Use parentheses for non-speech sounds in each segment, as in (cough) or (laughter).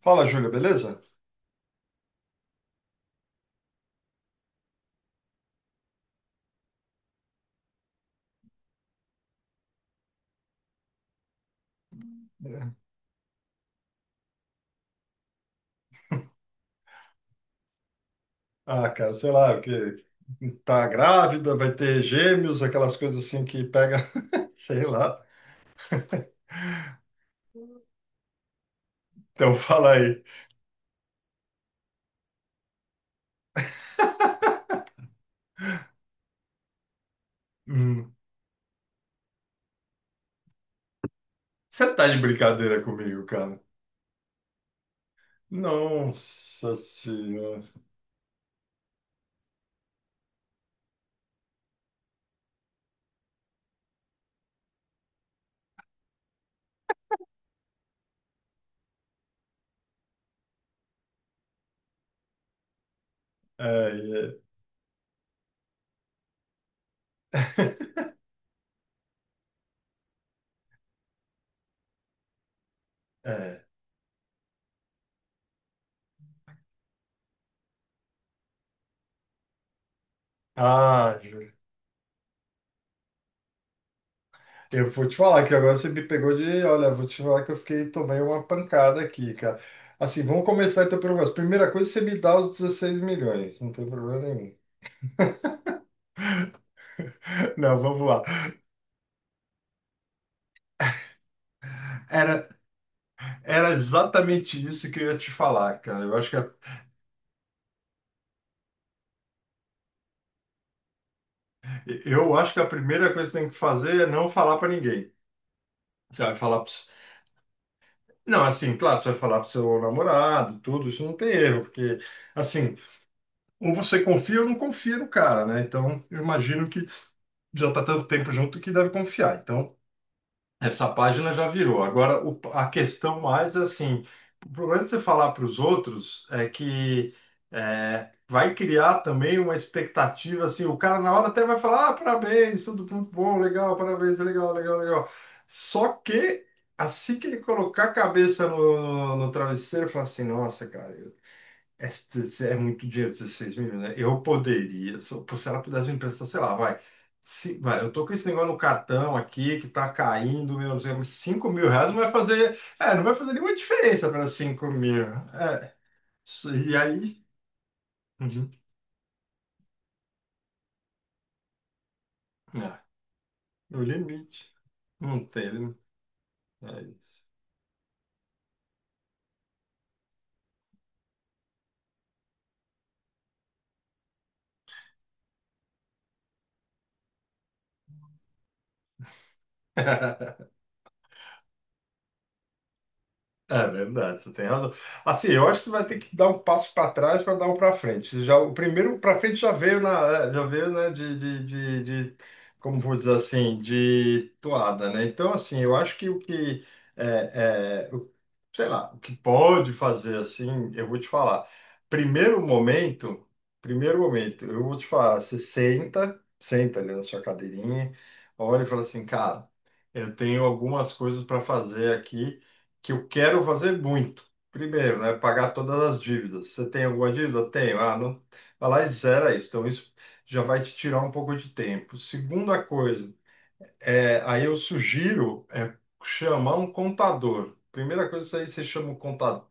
Fala, Júlia, beleza? É. Ah, cara, sei lá, porque tá grávida, vai ter gêmeos, aquelas coisas assim que pega, (laughs) sei lá. Então fala aí. Hum. Você tá de brincadeira comigo, cara? Nossa senhora. É, é. (laughs) é. Ah, Júlia. Eu vou te falar que agora você me pegou de. Olha, vou te falar que eu fiquei, tomei uma pancada aqui, cara. Assim, vamos começar então pelo negócio. Primeira coisa, você me dá os 16 milhões, não tem problema nenhum. (laughs) Não, vamos lá. Era, era exatamente isso que eu ia te falar, cara. Eu acho que a, eu acho que a primeira coisa que você tem que fazer é não falar pra ninguém. Você vai falar para. Não, assim, claro, você vai falar pro seu namorado, tudo, isso não tem erro, porque, assim, ou você confia ou não confia no cara, né? Então, eu imagino que já tá tanto tempo junto que deve confiar. Então, essa página já virou. Agora, a questão mais é assim, o problema de você falar para os outros é que vai criar também uma expectativa, assim, o cara na hora até vai falar, ah, parabéns, tudo muito bom, legal, parabéns, legal, legal, legal. Só que assim que ele colocar a cabeça no travesseiro, fala assim, nossa, cara, este é muito dinheiro, 16 milhões, né? Eu poderia, se ela pudesse me emprestar, sei lá, vai. Se, vai, eu tô com esse negócio no cartão aqui que tá caindo, meu Deus, mas 5 mil reais não vai fazer, não vai fazer nenhuma diferença para 5 mil. É, e aí, uhum, é, o limite, não tem, né? É isso. É verdade, você tem razão. Assim, eu acho que você vai ter que dar um passo para trás para dar um para frente. Já, o primeiro para frente já veio na, já veio, né, de como vou dizer assim, de toada, né? Então, assim, eu acho que o que é, é, o- sei lá, o que pode fazer assim, eu vou te falar. Primeiro momento, primeiro momento, eu vou te falar, você senta, senta ali na sua cadeirinha, olha e fala assim, cara, eu tenho algumas coisas para fazer aqui que eu quero fazer muito. Primeiro, né? Pagar todas as dívidas. Você tem alguma dívida? Tenho. Ah, não. Vai lá e zera isso. Então, isso já vai te tirar um pouco de tempo. Segunda coisa. Aí eu sugiro chamar um contador. Primeira coisa, isso aí você chama o contador,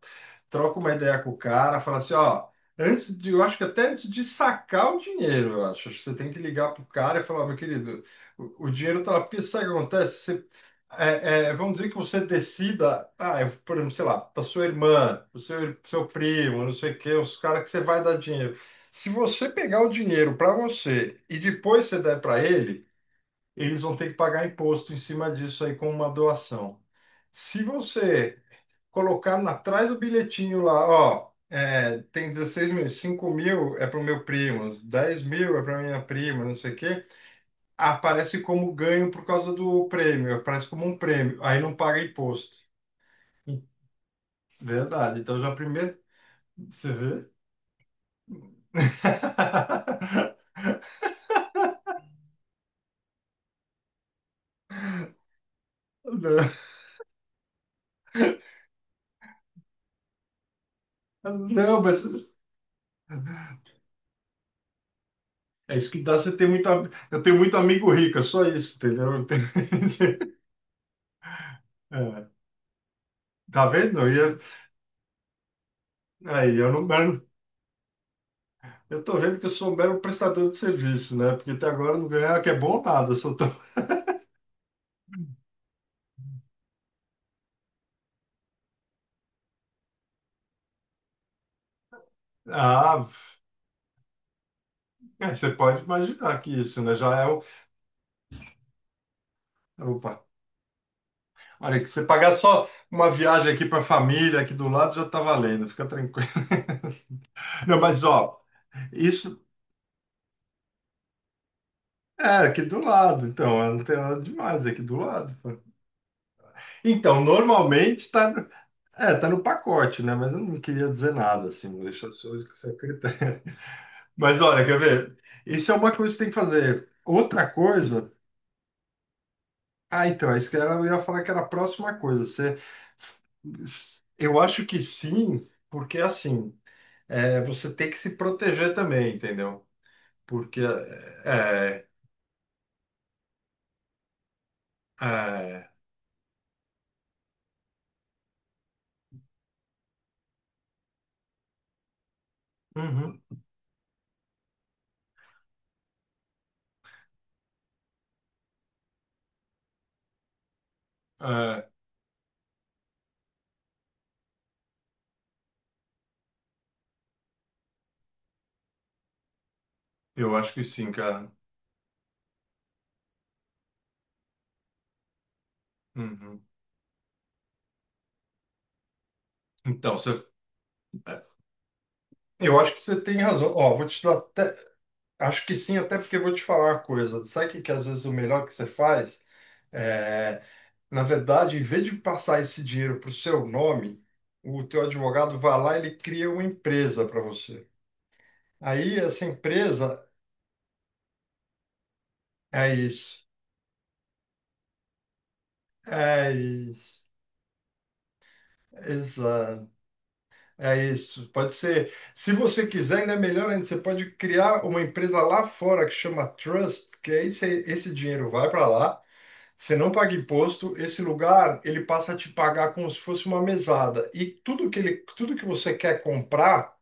troca uma ideia com o cara, fala assim, ó, antes de, eu acho que até antes de sacar o dinheiro, eu acho, acho que você tem que ligar pro cara e falar, "Ó, meu querido, o dinheiro tá lá, porque sabe o que acontece? Você, vamos dizer que você decida, ah, eu, por exemplo, sei lá, pra sua irmã, pro seu primo, não sei o quê, os caras que você vai dar dinheiro. Se você pegar o dinheiro para você e depois você der para ele eles vão ter que pagar imposto em cima disso aí com uma doação. Se você colocar atrás do bilhetinho lá, ó, é, tem 16 mil, 5 mil é para o meu primo, 10 mil é para minha prima, não sei o quê, aparece como ganho por causa do prêmio, aparece como um prêmio, aí não paga imposto. Verdade, então já primeiro, você vê? (laughs) Não, mas é isso que dá você ter muito. Eu tenho muito amigo rico, é só isso, entendeu? (laughs) Eu. Tá vendo? E eu. Aí, eu não, eu não- eu tô vendo que eu sou um mero prestador de serviço, né? Porque até agora eu não ganhava que é bom nada. Eu Só tô... (laughs) Ah, é, você pode imaginar que isso, né? Já é o. Opa. Olha, que você pagar só uma viagem aqui pra família, aqui do lado, já tá valendo, fica tranquilo. (laughs) Não, mas ó, isso é aqui do lado, então, não tem nada demais é aqui do lado. Pô. Então, normalmente tá, tá no pacote, né? Mas eu não queria dizer nada, assim, vou deixar só isso com o secretário. Mas olha, quer ver? Isso é uma coisa que você tem que fazer. Outra coisa. Ah, então, é isso eu ia falar que era a próxima coisa. Você, eu acho que sim, porque assim, é, você tem que se proteger também, entendeu? Porque é, é, é, uhum, é, eu acho que sim, cara. Uhum. Então, você, é, eu acho que você tem razão. Ó, vou te dar até, acho que sim, até porque eu vou te falar uma coisa. Sabe o que, que às vezes o melhor que você faz? É. Na verdade, em vez de passar esse dinheiro para o seu nome, o teu advogado vai lá e ele cria uma empresa para você. Aí essa empresa é isso. É isso. Exato. É isso. Pode ser. Se você quiser, ainda é melhor ainda. Você pode criar uma empresa lá fora que chama Trust, que aí esse dinheiro vai para lá. Você não paga imposto, esse lugar ele passa a te pagar como se fosse uma mesada. E tudo que você quer comprar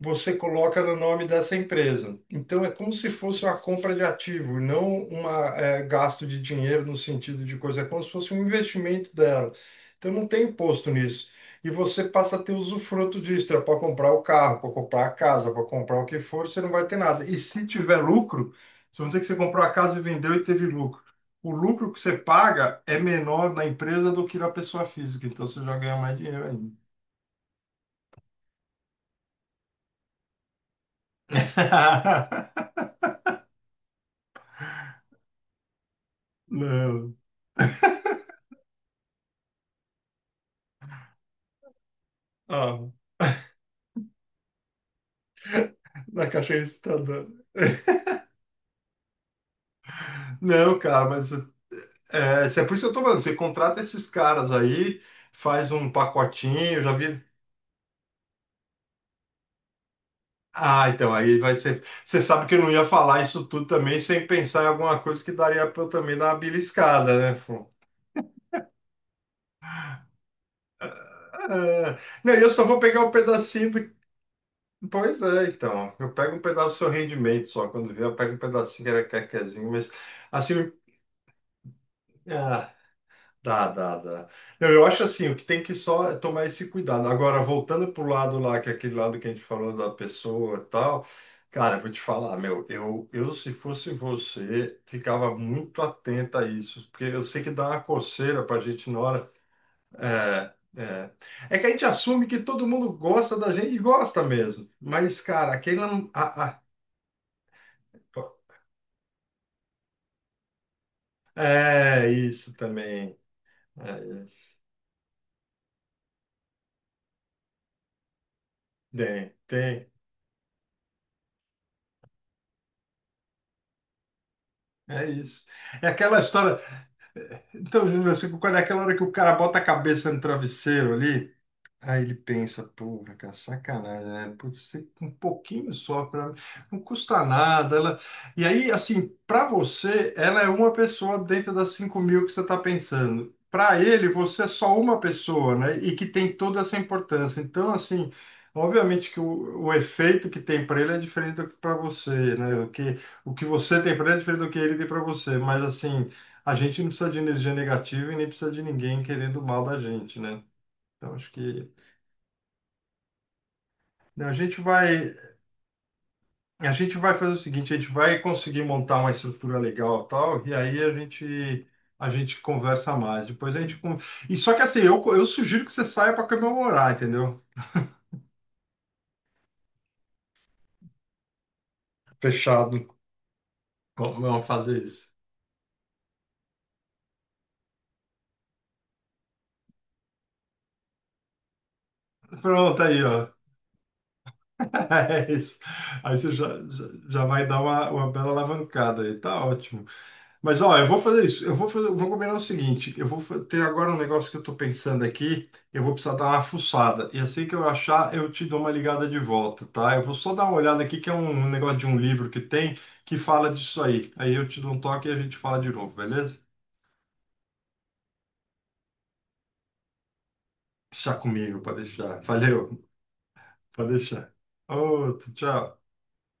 você coloca no nome dessa empresa. Então, é como se fosse uma compra de ativo, não uma gasto de dinheiro no sentido de coisa, é como se fosse um investimento dela. Então, não tem imposto nisso. E você passa a ter usufruto disso, é para comprar o carro, para comprar a casa, para comprar o que for, você não vai ter nada. E se tiver lucro, se vamos dizer que você comprou a casa e vendeu e teve lucro, o lucro que você paga é menor na empresa do que na pessoa física, então você já ganha mais dinheiro ainda. (laughs) Não. Ah, na caixinha de stand. Não, cara, mas é, isso é por isso que eu tô falando. Você contrata esses caras aí, faz um pacotinho, já vi. Ah, então, aí vai ser. Você sabe que eu não ia falar isso tudo também sem pensar em alguma coisa que daria pra eu também dar uma beliscada, né? Fô? Ah, não, e eu só vou pegar um pedacinho do. Pois é, então. Eu pego um pedaço do seu rendimento só. Quando vier, eu pego um pedacinho que era quequezinho, mas assim. ah, Dá, dá, dá. Não, eu acho assim, o que tem que só é tomar esse cuidado. Agora, voltando pro lado lá, que é aquele lado que a gente falou da pessoa e tal, cara, eu vou te falar, eu se fosse você, ficava muito atenta a isso, porque eu sei que dá uma coceira pra gente na hora. É, é. É que a gente assume que todo mundo gosta da gente e gosta mesmo. Mas, cara, aquele não. É isso também. É isso. Tem, tem. É isso. É aquela história. Então, Júnior, eu fico com aquela hora que o cara bota a cabeça no travesseiro ali. Aí ele pensa, porra, cara, sacanagem, né? Putz, um pouquinho só, para não custa nada. Ela... E aí, assim, para você, ela é uma pessoa dentro das 5 mil que você está pensando. Para ele, você é só uma pessoa, né? E que tem toda essa importância. Então, assim, obviamente que o efeito que tem para ele é diferente do que para você, né? O que você tem para ele é diferente do que ele tem para você. Mas, assim, a gente não precisa de energia negativa e nem precisa de ninguém querendo mal da gente, né? Então, acho que não, a gente vai fazer o seguinte, a gente vai conseguir montar uma estrutura legal, e tal, e aí a gente conversa mais. Depois a gente con- E só que assim, eu sugiro que você saia para comemorar, entendeu? Fechado. Como vamos fazer isso? Pronto aí, ó. (laughs) É isso. Aí você já vai dar uma bela alavancada aí, tá ótimo. Mas ó, eu vou fazer isso. Eu vou fazer, vou combinar o seguinte, ter agora um negócio que eu tô pensando aqui, eu vou precisar dar uma fuçada. E assim que eu achar, eu te dou uma ligada de volta, tá? Eu vou só dar uma olhada aqui que é um negócio de um livro que tem que fala disso aí. Aí eu te dou um toque e a gente fala de novo, beleza? Deixa comigo, pode deixar. Valeu, pode deixar. Outro, tchau.